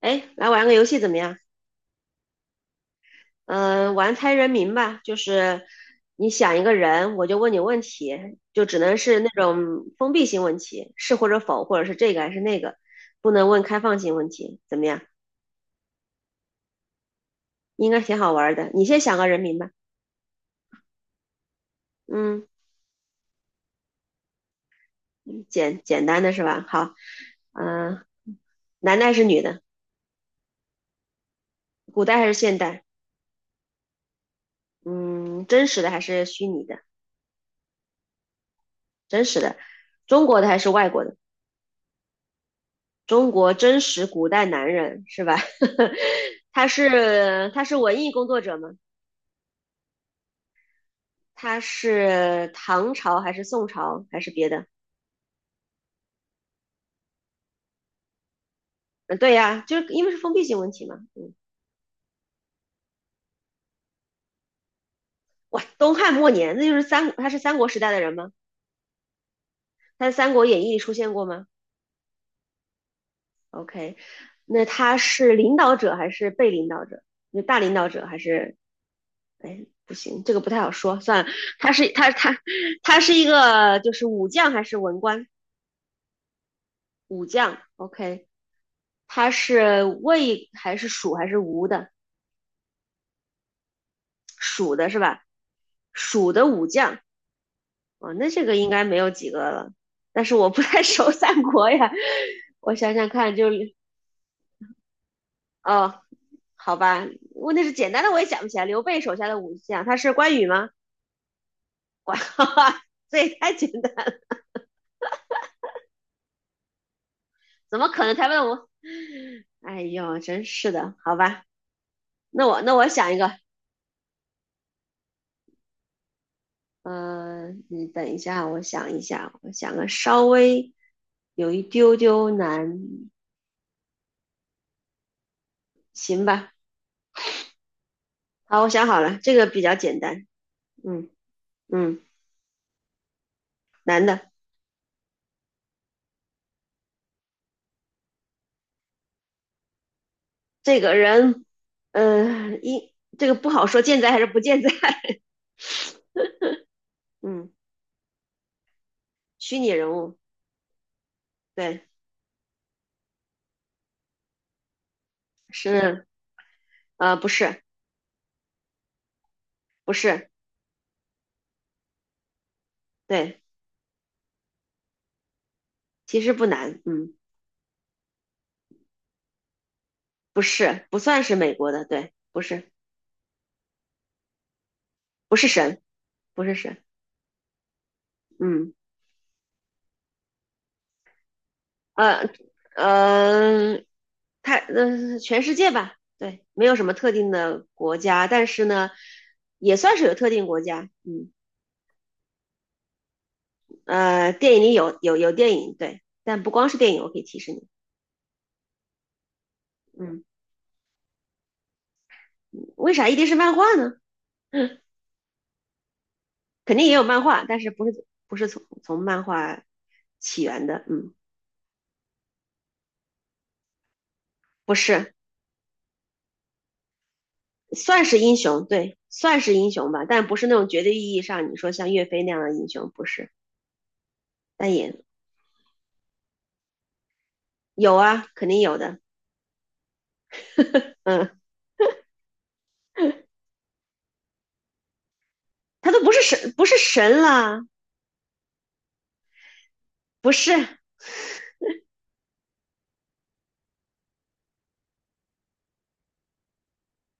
哎，来玩个游戏怎么样？玩猜人名吧，就是你想一个人，我就问你问题，就只能是那种封闭性问题，是或者否，或者是这个还是那个，不能问开放性问题，怎么样？应该挺好玩的。你先想个人名吧。嗯，简单的是吧？好，嗯、男的还是女的？古代还是现代？嗯，真实的还是虚拟的？真实的，中国的还是外国的？中国真实古代男人是吧？他是文艺工作者吗？他是唐朝还是宋朝还是别的？嗯，对呀，就是因为是封闭性问题嘛。嗯，哇，东汉末年，那就是他是三国时代的人吗？他在《三国演义》里出现过吗？OK，那他是领导者还是被领导者？那大领导者还是？哎，不行，这个不太好说，算了。他是他他他是一个就是武将还是文官？武将，OK。他是魏还是蜀还是吴的？蜀的是吧？蜀的武将啊，哦那这个应该没有几个了。但是我不太 熟三国呀，我想想看就，哦，好吧，问题是简单的我也想不起来。刘备手下的武将，他是关羽吗？哈哈，这也太简单怎么可能？才问我，哎呦，真是的，好吧，那我想一个，嗯，你等一下，我想一下，我想个稍微有一丢丢难行吧，好，我想好了，这个比较简单。嗯嗯，男的，这个人，呃，这个不好说健在还是不健在。嗯，虚拟人物，对，是，呃，不是，不是，对，其实不难。嗯，不是，不算是美国的，对，不是，不是神，不是神。嗯，呃呃，他，呃全世界吧，对，没有什么特定的国家，但是呢，也算是有特定国家。嗯。呃，电影里有电影，对，但不光是电影，我可以提示你，嗯，为啥一定是漫画呢？肯定也有漫画，但是不是从漫画起源的，嗯，不是，算是英雄，对，算是英雄吧，但不是那种绝对意义上你说像岳飞那样的英雄，不是，但也有啊，肯定有的，嗯，他都不是神，不是神了，不是，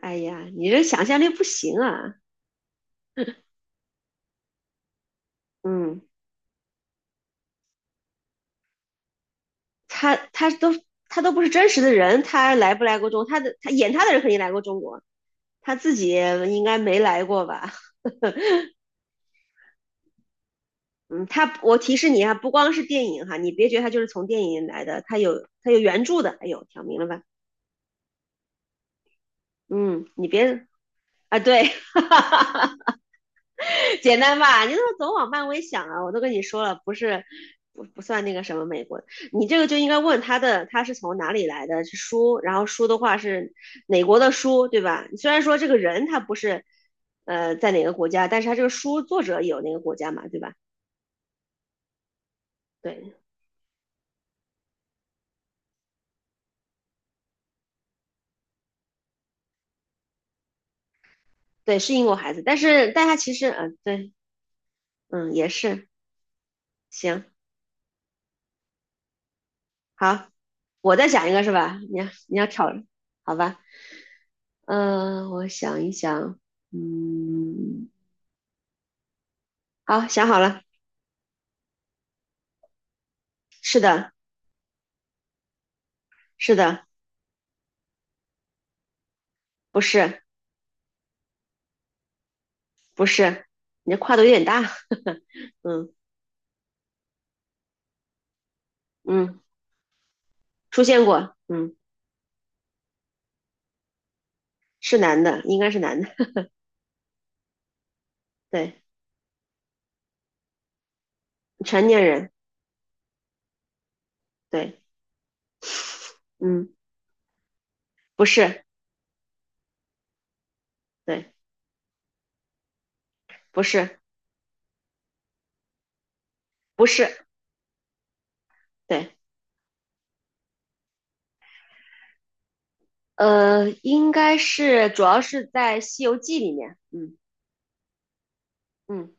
哎呀，你这想象力不行啊，嗯，他他都他都不是真实的人，他来不来过中国他的他演他的人肯定来过中国，他自己应该没来过吧？嗯，他我提示你啊，不光是电影哈，你别觉得他就是从电影来的，他有原著的，哎呦，挑明了吧？嗯，你别啊，对，简单吧？你怎么总往漫威想啊？我都跟你说了，不是不不算那个什么美国的，你这个就应该问他的，他是从哪里来的？是书，然后书的话是哪国的书，对吧？虽然说这个人他不是在哪个国家，但是他这个书作者有那个国家嘛，对吧？对对，是英国孩子，但是但他其实对嗯也是行好，我再想一个是吧？你要挑好吧？嗯、我想一想，嗯。好，想好了，是的，是的，不是，不是，你这跨度有点大，嗯嗯，出现过，嗯，是男的，应该是男的，对，成年人，对，嗯，不是，对，不是，不是，对，呃，应该是，主要是在《西游记》里面，嗯嗯，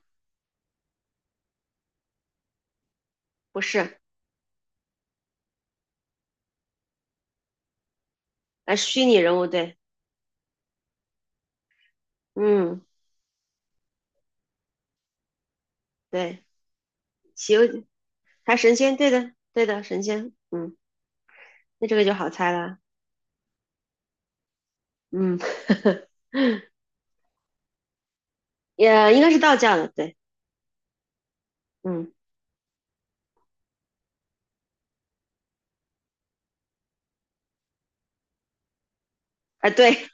不是，呃，虚拟人物，对，嗯对，《西游》他神仙，对的，对的，神仙，嗯，那这个就好猜了，嗯，也应该是道教的，对。嗯，啊，对，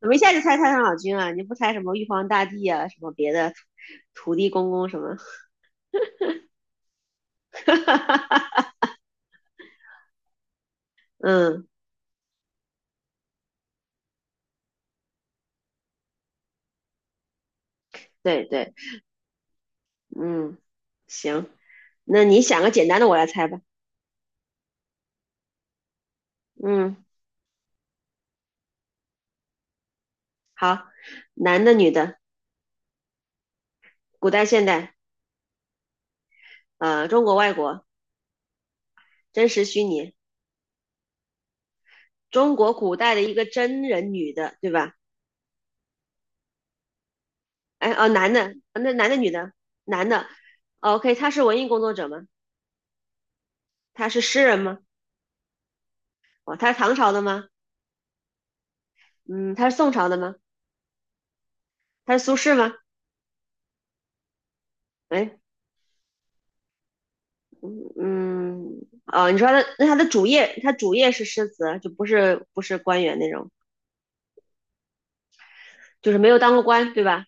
怎么一下就猜太上老君啊？你不猜什么玉皇大帝啊，什么别的土地公公什么？嗯，对对，嗯，行，那你想个简单的，我来猜吧。嗯，好，男的、女的，古代、现代，呃，中国、外国，真实、虚拟，中国古代的一个真人女的，对吧？哎，哦，男的，那男的、女的，男的，OK，他是文艺工作者吗？他是诗人吗？哦，他是唐朝的吗？嗯，他是宋朝的吗？他是苏轼吗？哎，嗯，哦，你说他那他的主业，他主业是诗词，就不是官员那种，就是没有当过官，对吧？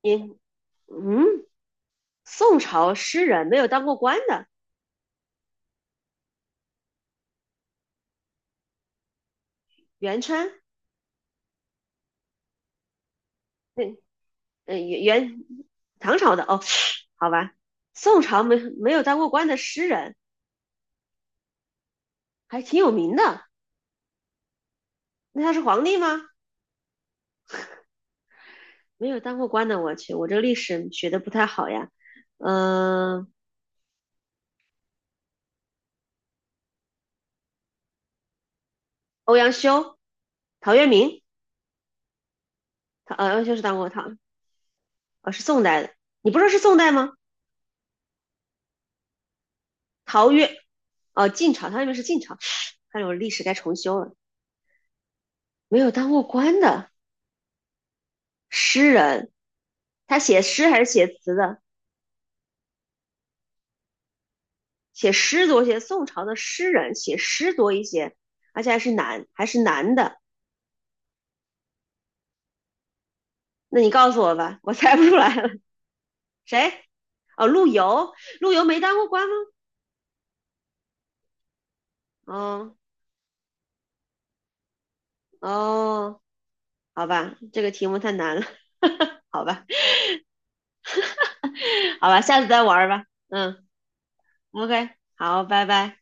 你嗯，宋朝诗人没有当过官的，元春，对，呃，元唐朝的哦，好吧，宋朝没有当过官的诗人还挺有名的，那他是皇帝吗？没有当过官的，我去，我这个历史学的不太好呀。嗯、欧阳修、陶渊明，欧阳修是当过，哦，是宋代的。你不说是宋代吗？陶渊，哦，晋朝，他那边是晋朝。看来我历史该重修了。没有当过官的诗人，他写诗还是写词的？写诗多一些。宋朝的诗人写诗多一些，而且还是男的。那你告诉我吧，我猜不出来了。谁？哦，陆游，陆游没当过官吗？哦哦，好吧，这个题目太难了，好吧，好吧，下次再玩吧，嗯。OK，好，拜拜。